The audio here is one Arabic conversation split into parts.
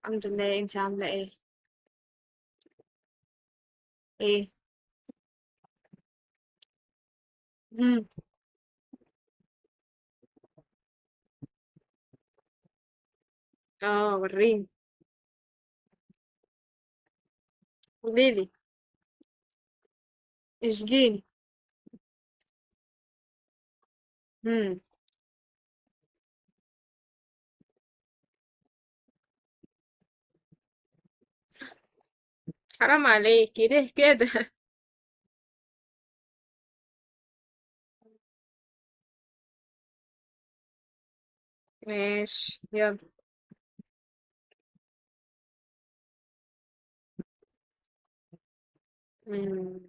الحمد لله. انت عامله ايه؟ ايه. امم اه وريني. قوليلي. اشجيني. امم حرام عليكي ليه كده؟ ماشي يلا. امم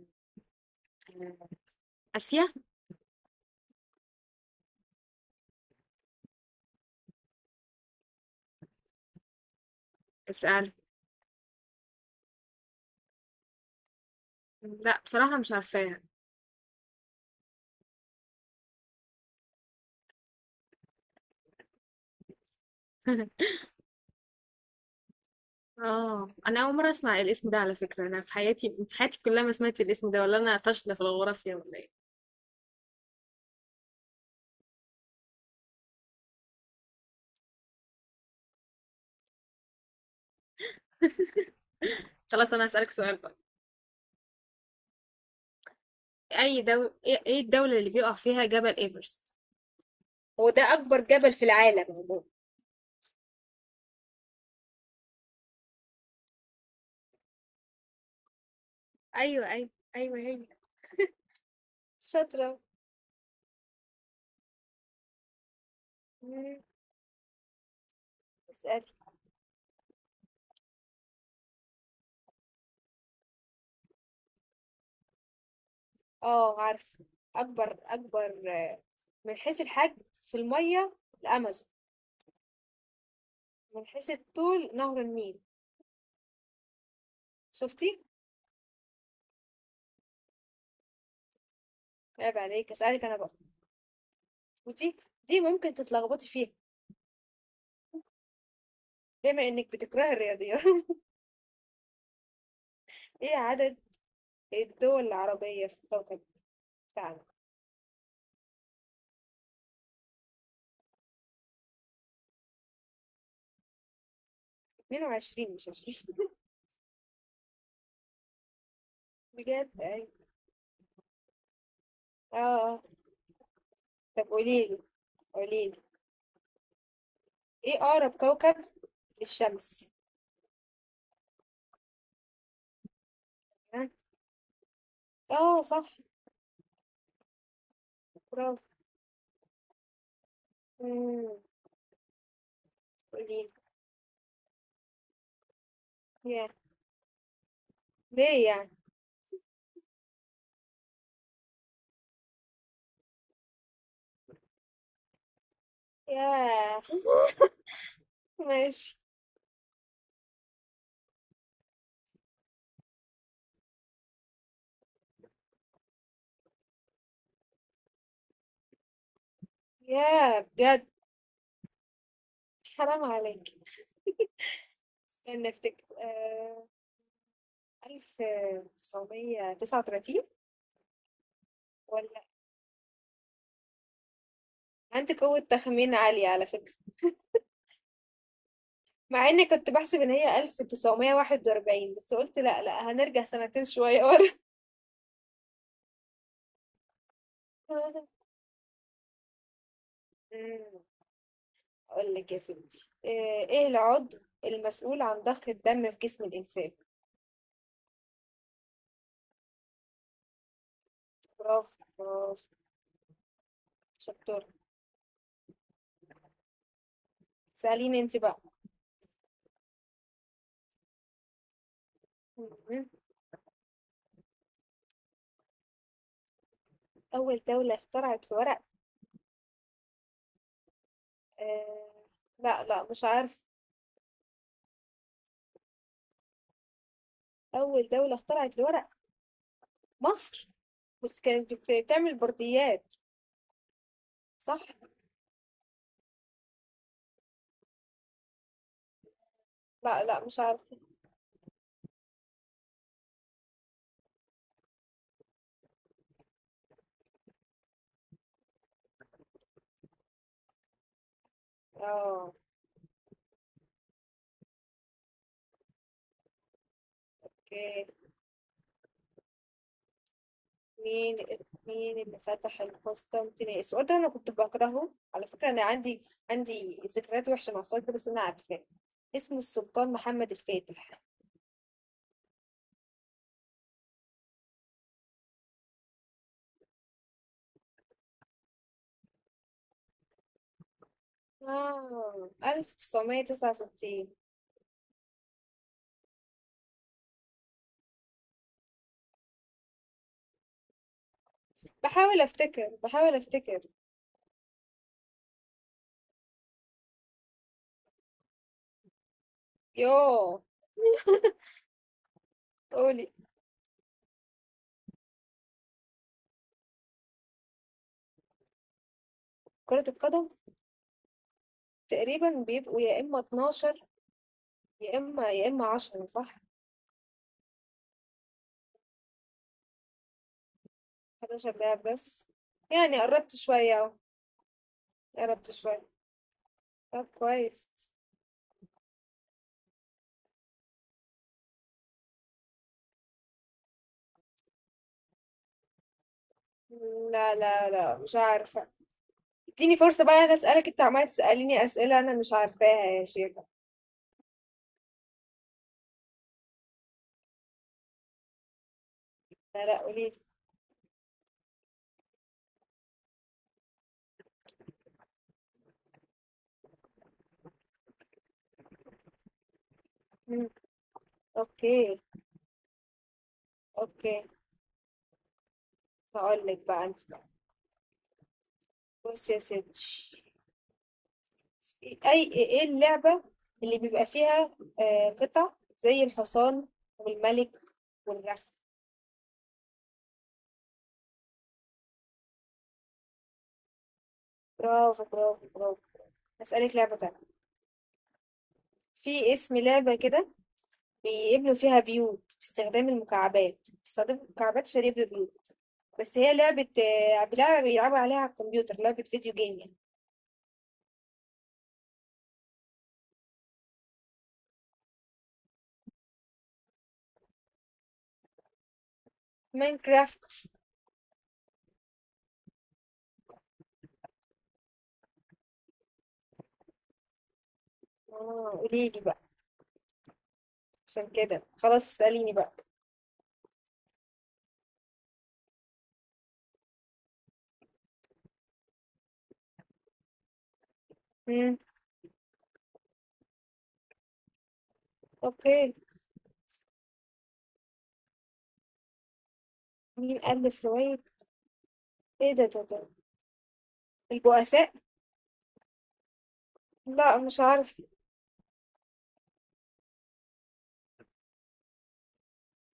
آه، اسيا. اسال. لا بصراحه مش عارفاها. اه انا اول مره اسمع الاسم ده على فكره، انا في حياتي كلها ما سمعت الاسم ده، ولا انا فاشله في الجغرافيا ولا ايه؟ خلاص انا هسالك سؤال بقى. اي دول ايه إيه الدوله اللي بيقع فيها جبل ايفرست هو، العالم عموما؟ ايوه ايوه ايوه هي شاطره مم، اسألي. اه عارفة. أكبر من حيث الحجم، في المية الأمازون. من حيث الطول نهر النيل. شفتي؟ عيب عليك، أسألك أنا بقى. ودي دي ممكن تتلخبطي فيها بما إنك بتكرهي الرياضيات. إيه عدد الدول العربية في الكوكب بتاعنا؟ 22 مش 20. بجد أيوة. اه آه. طب قوليلي، قوليلي إيه أقرب كوكب للشمس؟ ها؟ اه صح. برافو. مم، قوليلي. يا ليه يعني؟ ياه! ماشي. ياه! بجد حرام عليكِ. استني أفتكر 1939. والّا عندِك قوة تخمين عالية على فكرة. مع إني كنت باحسب إن هي 1941، بس قُلت لأ، لأ، هنرجع سنتين شوية ورا. إمم، هاقول لِك يا ستي إيه العضو المسؤول عن ضخ الدم في جسم الإنسان؟ برافو، برافو، شطورة. اسأليني أنتِ بقى. اهم، أول دولة اخترعت ورق آه. لا لا مش عارف. أول دولة اخترعت الورق مصر، بس كانت بتعمل برديات، صح؟ لا لا مش عارفة. اه. اوكي. مين مين اللي فتح القسطنطينية؟ السؤال ده انا كنت بكرهه على فكرة، انا عندي ذكريات وحشة مع السؤال ده، بس انا عارفاه. اسمه السلطان محمد الفاتح. اه 1969. بحاول افتكر، بحاول افتكر. يوه. قولي. كرة القدم تقريبًا بيبقوا يا إمّا 12، يا إمّا 10، صح؟ 11 لاعب بس، يعني قرّبت شوية أهو. قرّبت شوية. طب كويس. لا، لا، لأ مش عارفة. ادّيني فرصة بقى أنا أسألك، أنتِ عمّالة تسأليني أسئلة أنا مش عارفاها يا شيخة. لا، لأ قولي لي. إمم. أوكي. أوكي، هاقول لِك بقى أنتِ بقى. بُصّي يا ستّي، إ أي إيه اللعبة اللي بيبقى فيها قطع زي الحصان والملك والرخ؟ برافو، برافو، برافو. هسألك لعبة تانية. في اسم لعبة كده بيبنوا فيها بيوت باستخدام المكعبات، باستخدام مكعبات عشان يبنوا بيوت، بس هي لعبة لعبة بيلعبوا عليها على الكمبيوتر، لعبة فيديو جيم يعني. ماينكرافت. اه قوليلي بقى، عشان كده خلاص اسأليني بقى. مم. اوكي. مين ألف رواية ايه ده ده ده البؤساء؟ لا مش عارف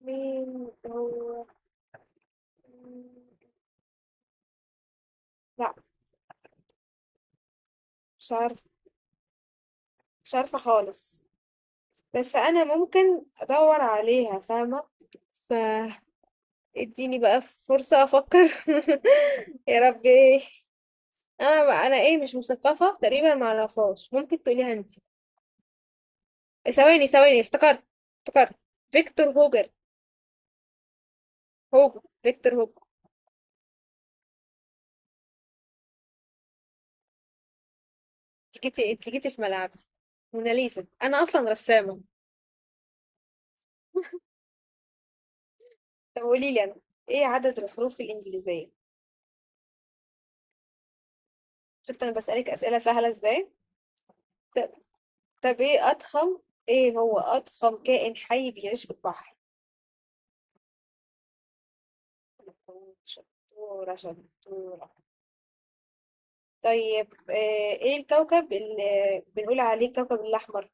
مين هو. مم، لا مش عارف. مش عارفة خالص، بس انا ممكن ادور عليها، فاهمة؟ ف اديني بقى فرصة افكر. يا ربي. انا بقى انا ايه، مش مثقفة تقريبا، ما اعرفهاش. ممكن تقوليها انت؟ ثواني، ثواني افتكرت، افتكرت، فيكتور هوجر. هوجر، فيكتور هوجر. انت جيتي في ملعبي. موناليزا، انا اصلا رسامة. طب قولي لي انا، ايه عدد الحروف الانجليزية؟ شفت انا بسألك اسئلة سهلة ازاي. طب طب ايه هو اضخم كائن حي بيعيش في البحر؟ شطورة، شطورة. طيب ايه الكوكب اللي بنقول عليه الكوكب الأحمر؟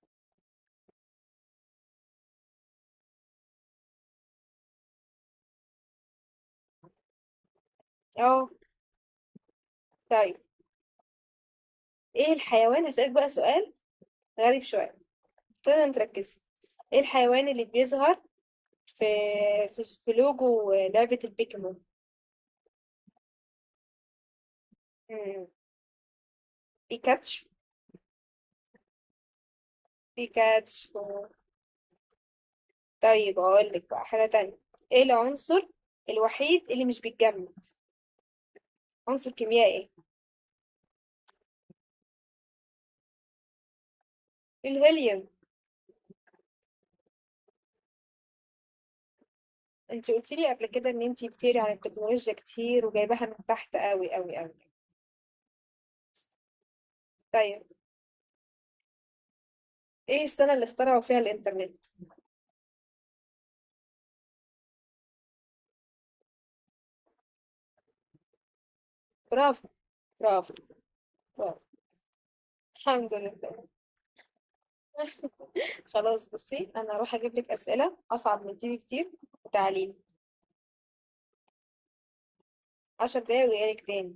اه. طيب ايه الحيوان هسألك بقى سؤال غريب شوية، لازم تركزي. ايه الحيوان اللي بيظهر في لوجو لعبة البيكمون؟ مم، بيكاتشو. بيكاتشو. طيب اقول لك بقى حاجة تانية، ايه العنصر الوحيد اللي مش بيتجمد؟ عنصر كيميائي. الهيليوم. انت قلت لي قبل كده ان انت بتقري عن التكنولوجيا كتير، وجايباها من تحت قوي قوي قوي. طيب ايه السنة اللي اخترعوا فيها الانترنت؟ برافو، برافو، برافو. الحمد لله. خلاص بصي، انا هروح اجيب لك اسئلة اصعب من دي بكتير، وتعليم. عشر دقايق وجايلك تاني.